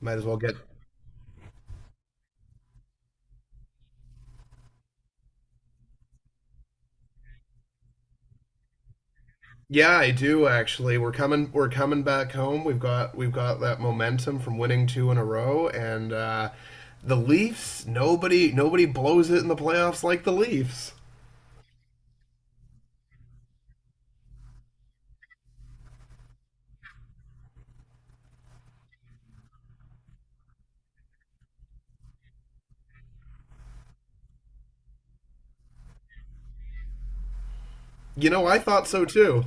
Might as well get. Yeah, I do actually. We're coming. We're coming back home. We've got that momentum from winning two in a row, and the Leafs. Nobody blows it in the playoffs like the Leafs. You know, I thought so too.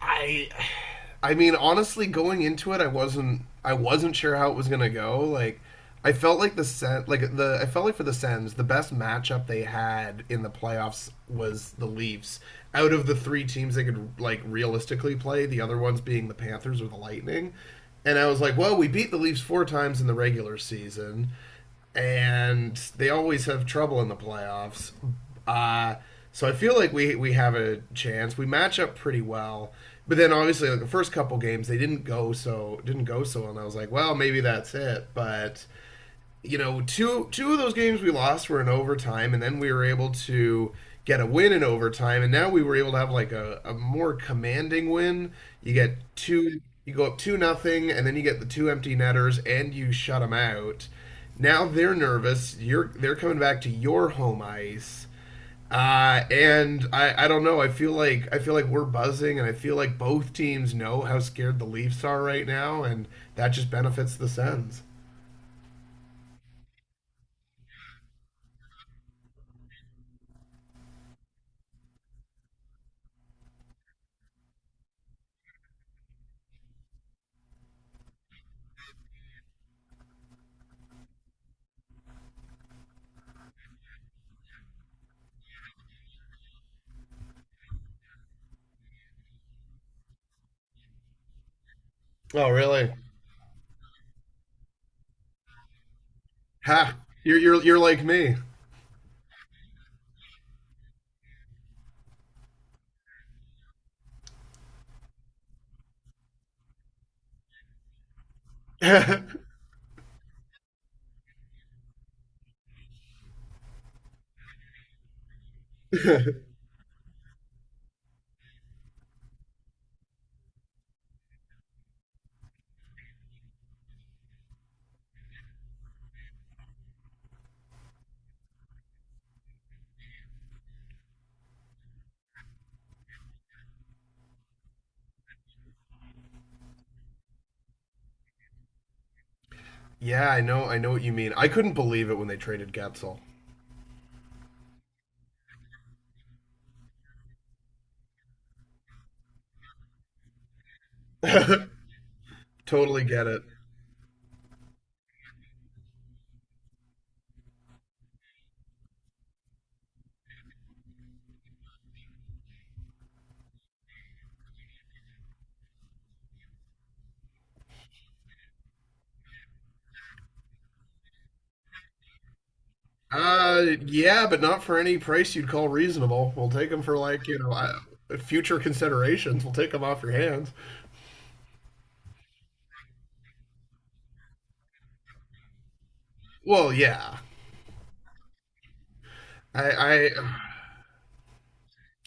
I I mean honestly going into it I wasn't sure how it was going to go, like I felt like the Sen- like the I felt like for the Sens the best matchup they had in the playoffs was the Leafs, out of the three teams they could like realistically play, the other ones being the Panthers or the Lightning. And I was like, well, we beat the Leafs four times in the regular season, and they always have trouble in the playoffs. Uh, so I feel like we have a chance. We match up pretty well, but then obviously like the first couple games they didn't go so well, and I was like, well, maybe that's it. But you know, two of those games we lost were in overtime, and then we were able to get a win in overtime, and now we were able to have like a more commanding win. You get two, you go up two nothing, and then you get the two empty netters, and you shut them out. Now they're nervous. You're They're coming back to your home ice. And I don't know. I feel like we're buzzing, and I feel like both teams know how scared the Leafs are right now, and that just benefits the Sens. Oh, really? Ha! You're like me. Yeah, I know. I know what you mean. I couldn't believe it when they traded Getzel. Totally get it. Yeah, but not for any price you'd call reasonable. We'll take them for, like, you know, future considerations. We'll take them off your hands. Well, yeah. I, I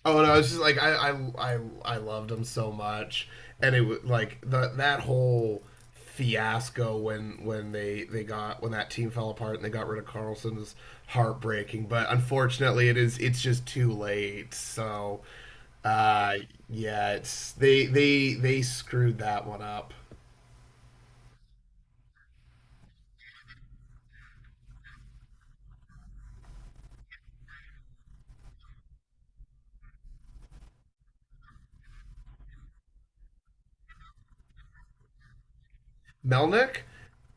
Oh no, it's just like I loved him so much, and it was like the that whole fiasco when they got when that team fell apart and they got rid of Carlson is heartbreaking. But unfortunately, it's just too late. So, uh, yeah, it's they screwed that one up. Melnick.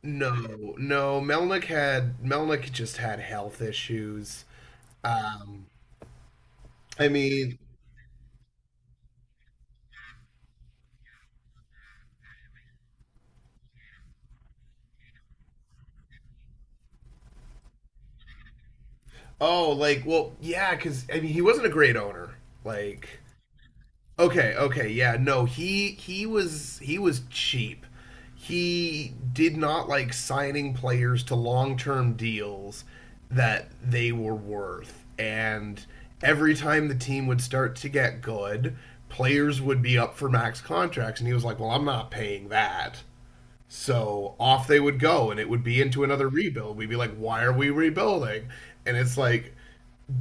No, no. Melnick just had health issues. Um, I mean, Oh, like, well, yeah, because I mean, he wasn't a great owner. Like, okay, okay, yeah, no, he was cheap. He did not like signing players to long term deals that they were worth, and every time the team would start to get good, players would be up for max contracts, and he was like, "Well, I'm not paying that." So off they would go, and it would be into another rebuild. We'd be like, why are we rebuilding? And it's like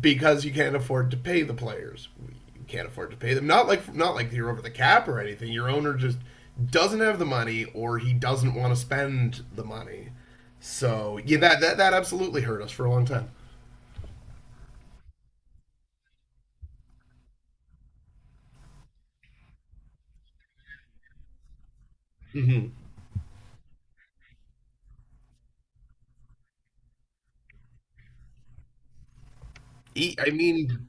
because you can't afford to pay the players. You can't afford to pay them. Not like you're over the cap or anything. Your owner just doesn't have the money, or he doesn't want to spend the money. So yeah, that absolutely hurt us for a long time. Mm-hmm. E- I mean,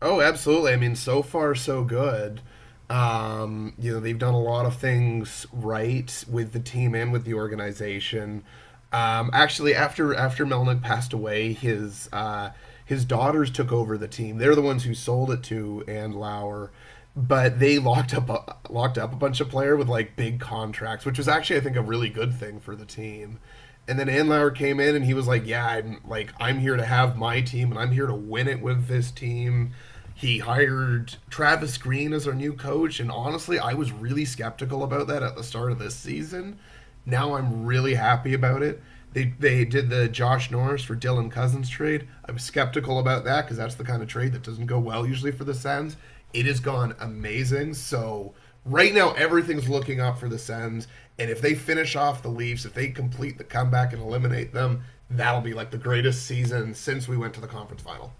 Oh, absolutely. I mean, so far so good. You know, they've done a lot of things right with the team and with the organization. Actually, after Melnick passed away, his daughters took over the team. They're the ones who sold it to and Lauer, but they locked up a bunch of player with like big contracts, which was actually I think a really good thing for the team. And then Anlauer came in and he was like, "Yeah, I'm here to have my team and I'm here to win it with this team." He hired Travis Green as our new coach, and honestly, I was really skeptical about that at the start of this season. Now I'm really happy about it. They did the Josh Norris for Dylan Cousins trade. I was skeptical about that because that's the kind of trade that doesn't go well usually for the Sens. It has gone amazing. So right now everything's looking up for the Sens. And if they finish off the Leafs, if they complete the comeback and eliminate them, that'll be like the greatest season since we went to the conference final.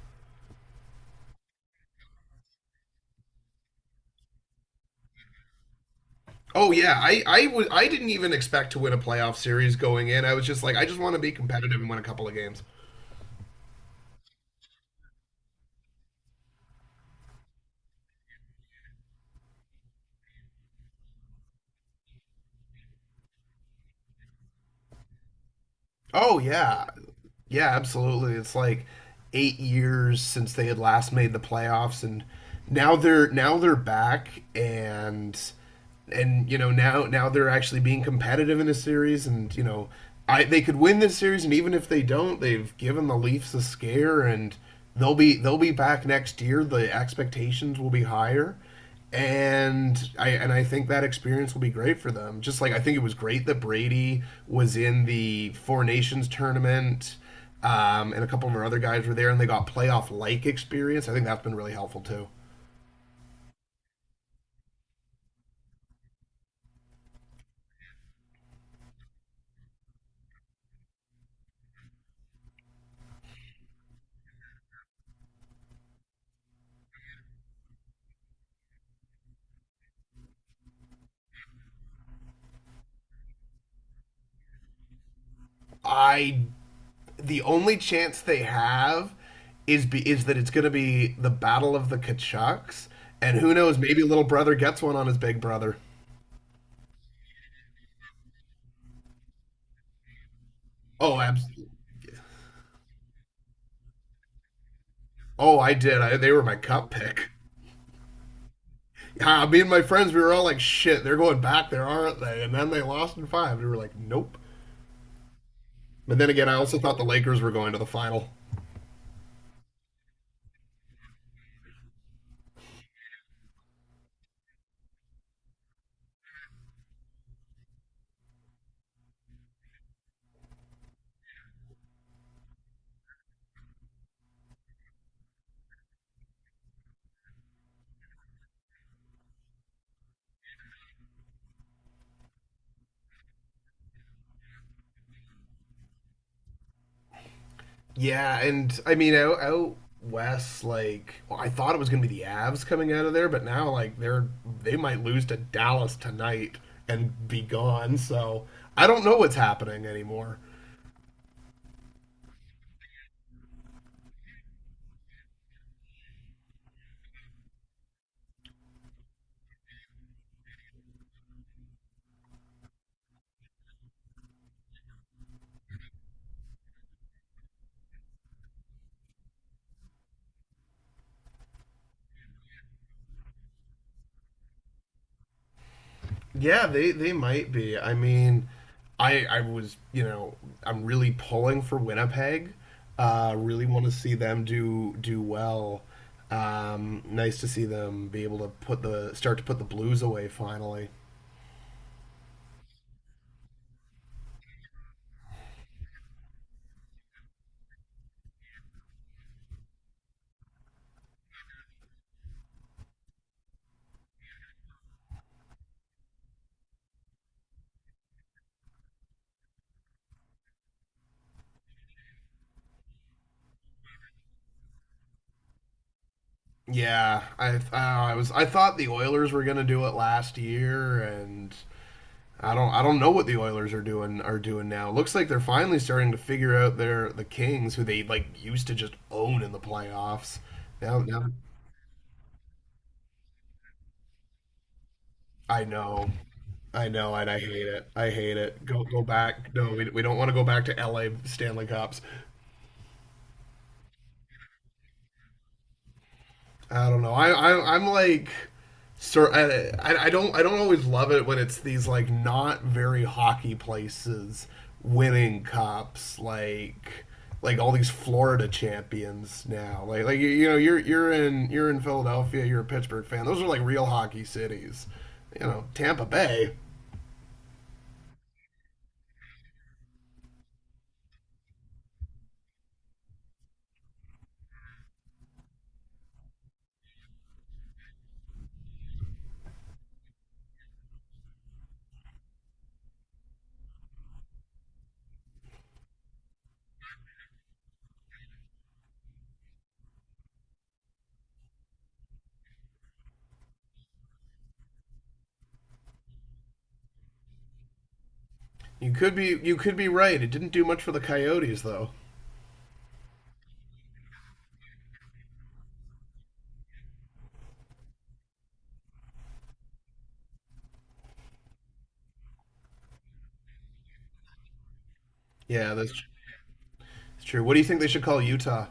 Oh yeah, I didn't even expect to win a playoff series going in. I was just like, I just want to be competitive and win a couple of games. Oh yeah, yeah, absolutely. It's like 8 years since they had last made the playoffs, and now they're back, and you know, now they're actually being competitive in a series, and you know, I they could win this series, and even if they don't, they've given the Leafs a scare, and they'll be back next year. The expectations will be higher, and I think that experience will be great for them. Just like I think it was great that Brady was in the Four Nations tournament, and a couple of our other guys were there, and they got playoff like experience. I think that's been really helpful too. I The only chance they have is that it's going to be the battle of the Kachucks, and who knows, maybe little brother gets one on his big brother. Oh, absolutely. Oh, I did. They were my cup pick. Yeah, me and my friends, we were all like, "Shit, they're going back there, aren't they?" And then they lost in five. We were like, "Nope." But then again, I also thought the Lakers were going to the final. Yeah, and I mean out west, like, well, I thought it was going to be the Avs coming out of there, but now like they're they might lose to Dallas tonight and be gone. So I don't know what's happening anymore. Yeah, they might be. I mean, I was you know, I'm really pulling for Winnipeg. Really want to see them do well. Nice to see them be able to put the Blues away finally. Yeah, I thought the Oilers were gonna do it last year, and I don't know what the Oilers are doing now. Looks like they're finally starting to figure out the Kings, who they like used to just own in the playoffs. Now now I know. I know, and I hate it. I hate it. Go back. No, we don't want to go back to LA Stanley Cups. I don't know. I'm like, sir. I don't always love it when it's these like not very hockey places winning cups. Like all these Florida champions now. Like you know, you're in Philadelphia. You're a Pittsburgh fan. Those are like real hockey cities. You know, Tampa Bay. You could be right. It didn't do much for the Coyotes though. Yeah, that's true. What do you think they should call Utah?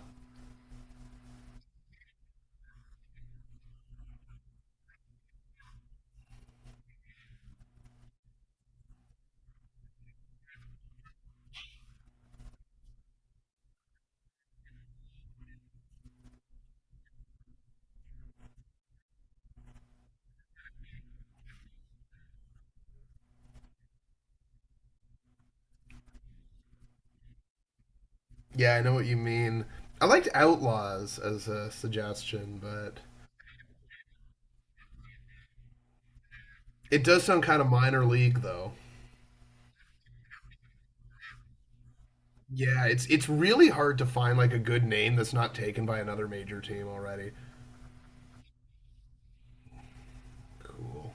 Yeah, I know what you mean. I liked Outlaws as a suggestion, but it does sound kind of minor league though. Yeah, it's really hard to find like a good name that's not taken by another major team already. Cool.